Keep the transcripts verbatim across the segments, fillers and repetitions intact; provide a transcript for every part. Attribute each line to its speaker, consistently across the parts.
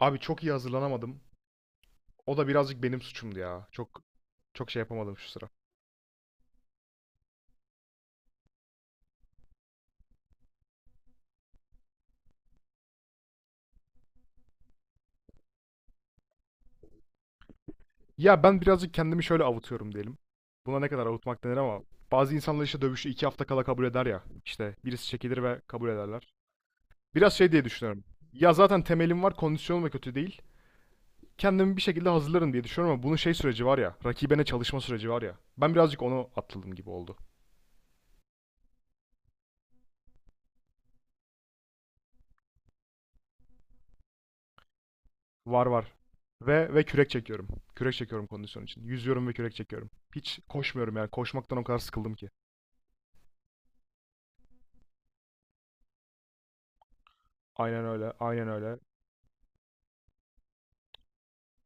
Speaker 1: Abi çok iyi hazırlanamadım. O da birazcık benim suçumdu ya. Çok çok şey yapamadım şu sıra. Ya ben birazcık kendimi şöyle avutuyorum diyelim. Buna ne kadar avutmak denir ama bazı insanlar işte dövüşü iki hafta kala kabul eder ya. İşte birisi çekilir ve kabul ederler. Biraz şey diye düşünüyorum. Ya zaten temelim var, kondisyonum da kötü değil. Kendimi bir şekilde hazırlarım diye düşünüyorum ama bunun şey süreci var ya, rakibine çalışma süreci var ya. Ben birazcık onu atladım gibi oldu. Var var. Ve ve kürek çekiyorum. Kürek çekiyorum kondisyon için. Yüzüyorum ve kürek çekiyorum. Hiç koşmuyorum yani. Koşmaktan o kadar sıkıldım ki. Aynen öyle. Aynen öyle.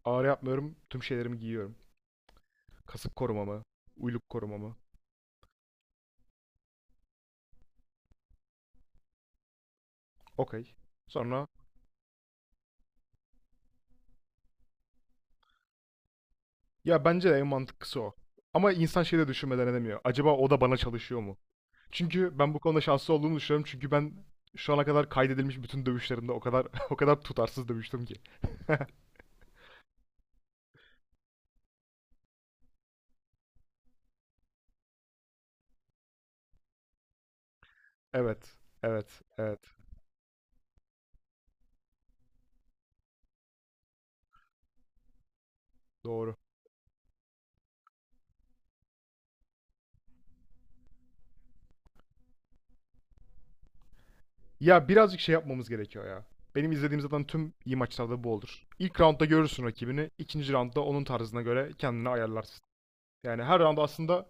Speaker 1: Ağrı yapmıyorum. Tüm şeylerimi giyiyorum. Kasık korumamı, uyluk korumamı. Okey. Sonra ya bence de en mantıklısı o. Ama insan şeyi de düşünmeden edemiyor. Acaba o da bana çalışıyor mu? Çünkü ben bu konuda şanslı olduğumu düşünüyorum. Çünkü ben şu ana kadar kaydedilmiş bütün dövüşlerimde o kadar o kadar tutarsız dövüştüm ki. Evet. Evet. Evet. Doğru. Ya birazcık şey yapmamız gerekiyor ya. Benim izlediğim zaten tüm iyi maçlarda bu olur. İlk roundda görürsün rakibini, ikinci roundda onun tarzına göre kendini ayarlarsın. Yani her round aslında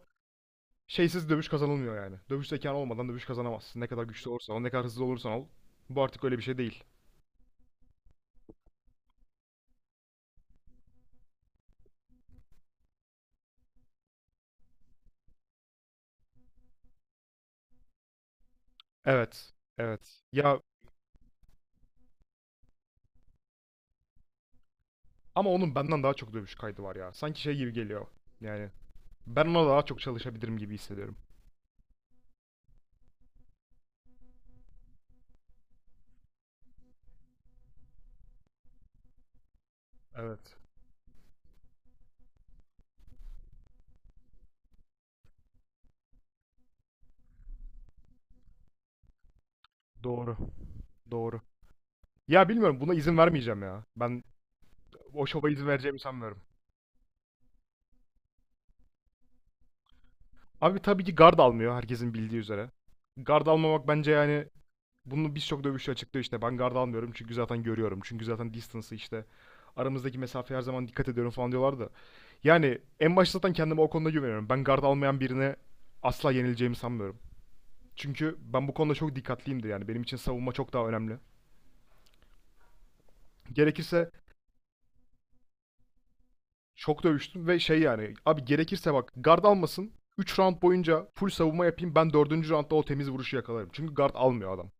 Speaker 1: şeysiz dövüş kazanılmıyor yani. Dövüş zekan olmadan dövüş kazanamazsın. Ne kadar güçlü olursan ne kadar hızlı olursan ol. Bu artık öyle bir şey değil. Evet, evet. Ya ama onun benden daha çok dövüş kaydı var ya. Sanki şey gibi geliyor. Yani ben ona daha çok çalışabilirim gibi hissediyorum. Evet, doğru, doğru. Ya bilmiyorum buna izin vermeyeceğim ya. Ben o şova izin vereceğimi sanmıyorum. Abi tabii ki guard almıyor herkesin bildiği üzere. Guard almamak bence yani bunu birçok dövüşçü açıklıyor işte ben guard almıyorum çünkü zaten görüyorum. Çünkü zaten distance'ı işte aramızdaki mesafeye her zaman dikkat ediyorum falan diyorlar da. Yani en başta zaten kendime o konuda güveniyorum. Ben guard almayan birine asla yenileceğimi sanmıyorum. Çünkü ben bu konuda çok dikkatliyimdir yani benim için savunma çok daha önemli. Gerekirse çok dövüştüm ve şey yani abi gerekirse bak guard almasın üç round boyunca full savunma yapayım ben dördüncü roundda o temiz vuruşu yakalarım. Çünkü guard almıyor adam.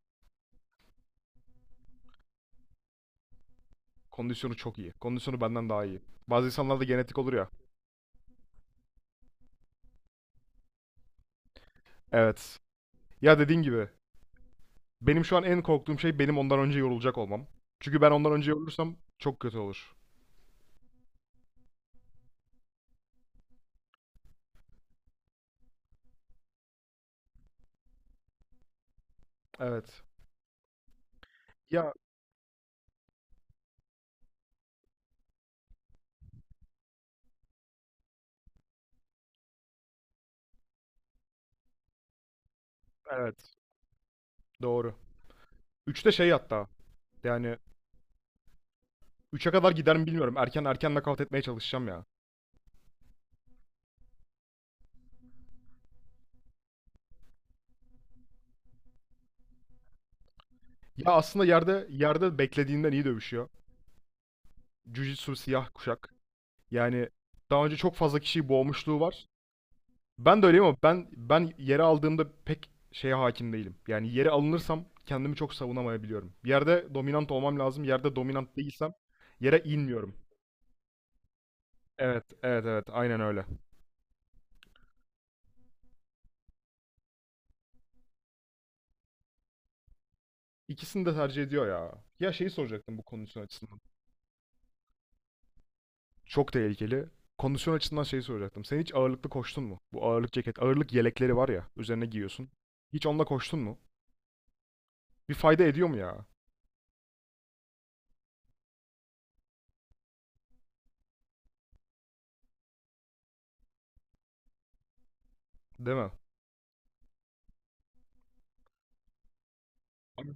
Speaker 1: Kondisyonu çok iyi. Kondisyonu benden daha iyi. Bazı insanlarda genetik olur ya. Evet. Ya dediğin gibi benim şu an en korktuğum şey benim ondan önce yorulacak olmam. Çünkü ben ondan önce yorulursam çok kötü olur. Evet. Ya evet. Doğru. Üçte şey hatta. Yani üçe kadar gider mi bilmiyorum. Erken erken nakavt etmeye çalışacağım ya. Ya aslında yerde yerde beklediğinden iyi dövüşüyor. Jiu-Jitsu siyah kuşak. Yani daha önce çok fazla kişiyi boğmuşluğu var. Ben de öyleyim ama ben ben yere aldığımda pek şeye hakim değilim. Yani yere alınırsam kendimi çok savunamayabiliyorum. Bir yerde dominant olmam lazım. Yerde dominant değilsem yere inmiyorum. Evet, evet, evet. Aynen öyle. İkisini de tercih ediyor ya. Ya şeyi soracaktım bu kondisyon açısından. Çok tehlikeli. Kondisyon açısından şeyi soracaktım. Sen hiç ağırlıklı koştun mu? Bu ağırlık ceket, ağırlık yelekleri var ya, üzerine giyiyorsun. Hiç onunla koştun mu? Bir fayda ediyor mu ya? Değil mi? Abi,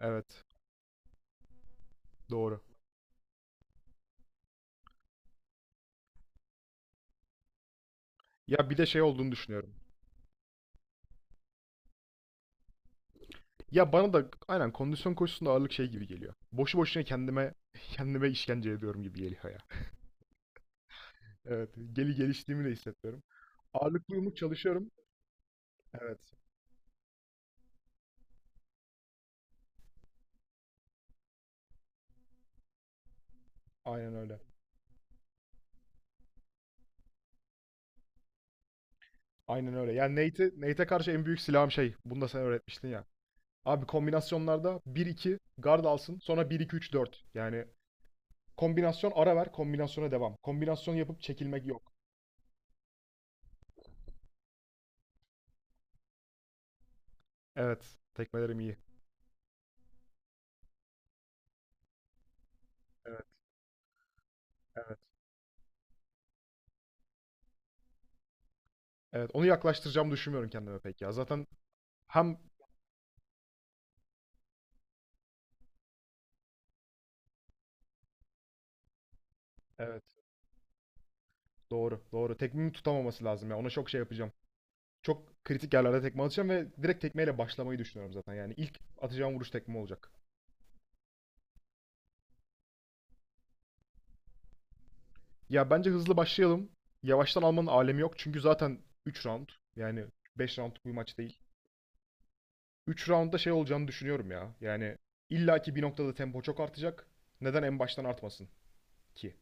Speaker 1: evet, doğru. Ya bir de şey olduğunu düşünüyorum. Ya bana da aynen kondisyon koşusunda ağırlık şey gibi geliyor. Boşu boşuna kendime kendime işkence ediyorum gibi geliyor ya. Evet, geli geliştiğimi de hissetmiyorum. Ağırlıklı yumruk çalışıyorum. Evet, aynen öyle. Aynen öyle. Yani Nate'i Nate'e karşı en büyük silahım şey. Bunu da sen öğretmiştin ya. Abi kombinasyonlarda bir iki guard alsın. Sonra bir iki üç dört. Yani kombinasyon ara ver. Kombinasyona devam. Kombinasyon yapıp çekilmek yok. Evet. Tekmelerim iyi. Evet. Evet. Evet. Onu yaklaştıracağımı düşünmüyorum kendime pek ya. Zaten hem evet. Doğru, doğru. Tekmeyi tutamaması lazım ya. Ona çok şey yapacağım. Çok kritik yerlerde tekme atacağım ve direkt tekmeyle başlamayı düşünüyorum zaten. Yani ilk atacağım vuruş tekme olacak. Ya bence hızlı başlayalım. Yavaştan almanın alemi yok. Çünkü zaten üç round. Yani beş roundluk bir maç değil. Üç roundda şey olacağını düşünüyorum ya. Yani illaki bir noktada tempo çok artacak. Neden en baştan artmasın ki?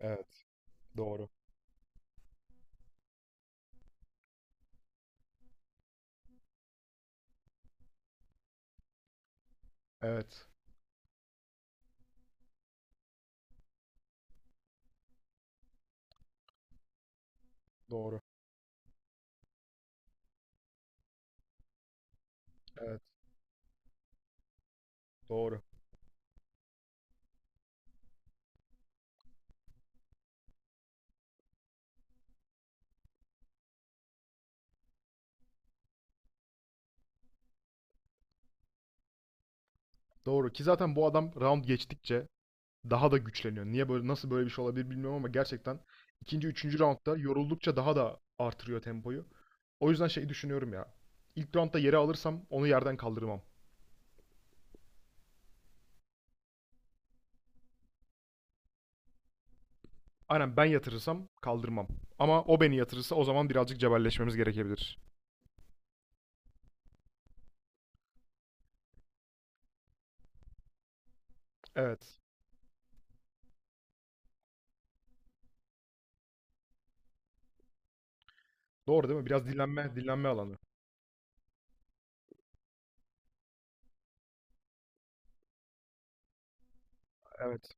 Speaker 1: Evet, doğru. Evet, doğru. Evet, doğru. Doğru ki zaten bu adam round geçtikçe daha da güçleniyor. Niye böyle nasıl böyle bir şey olabilir bilmiyorum ama gerçekten ikinci, üçüncü roundda yoruldukça daha da artırıyor tempoyu. O yüzden şey düşünüyorum ya. İlk roundda yere alırsam onu yerden kaldırmam. Aynen ben yatırırsam kaldırmam. Ama o beni yatırırsa o zaman birazcık cebelleşmemiz gerekebilir. Evet. Doğru değil mi? Biraz dinlenme, dinlenme alanı. Evet.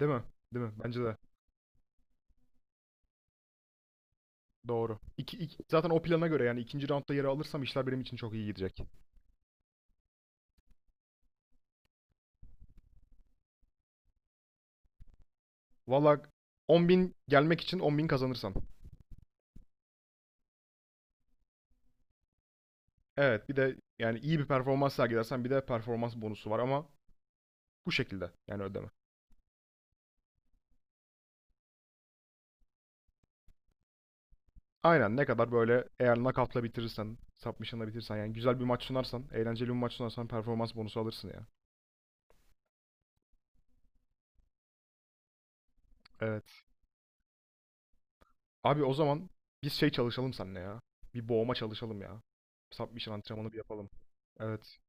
Speaker 1: Değil mi? Değil mi? Bence de. Doğru. İki, iki- zaten o plana göre yani ikinci roundda yere alırsam işler benim için çok iyi gidecek. Valla on bin gelmek için on bin kazanırsam. Evet, bir de yani iyi bir performans sergilersen bir de performans bonusu var ama bu şekilde yani ödeme. Aynen ne kadar böyle eğer knockout'la bitirirsen, submission'la bitirirsen yani güzel bir maç sunarsan, eğlenceli bir maç sunarsan performans bonusu alırsın ya. Evet. Abi o zaman biz şey çalışalım seninle ya. Bir boğma çalışalım ya. Submission antrenmanı bir yapalım. Evet.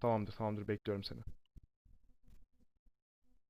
Speaker 1: Tamamdır, tamamdır. Bekliyorum seni.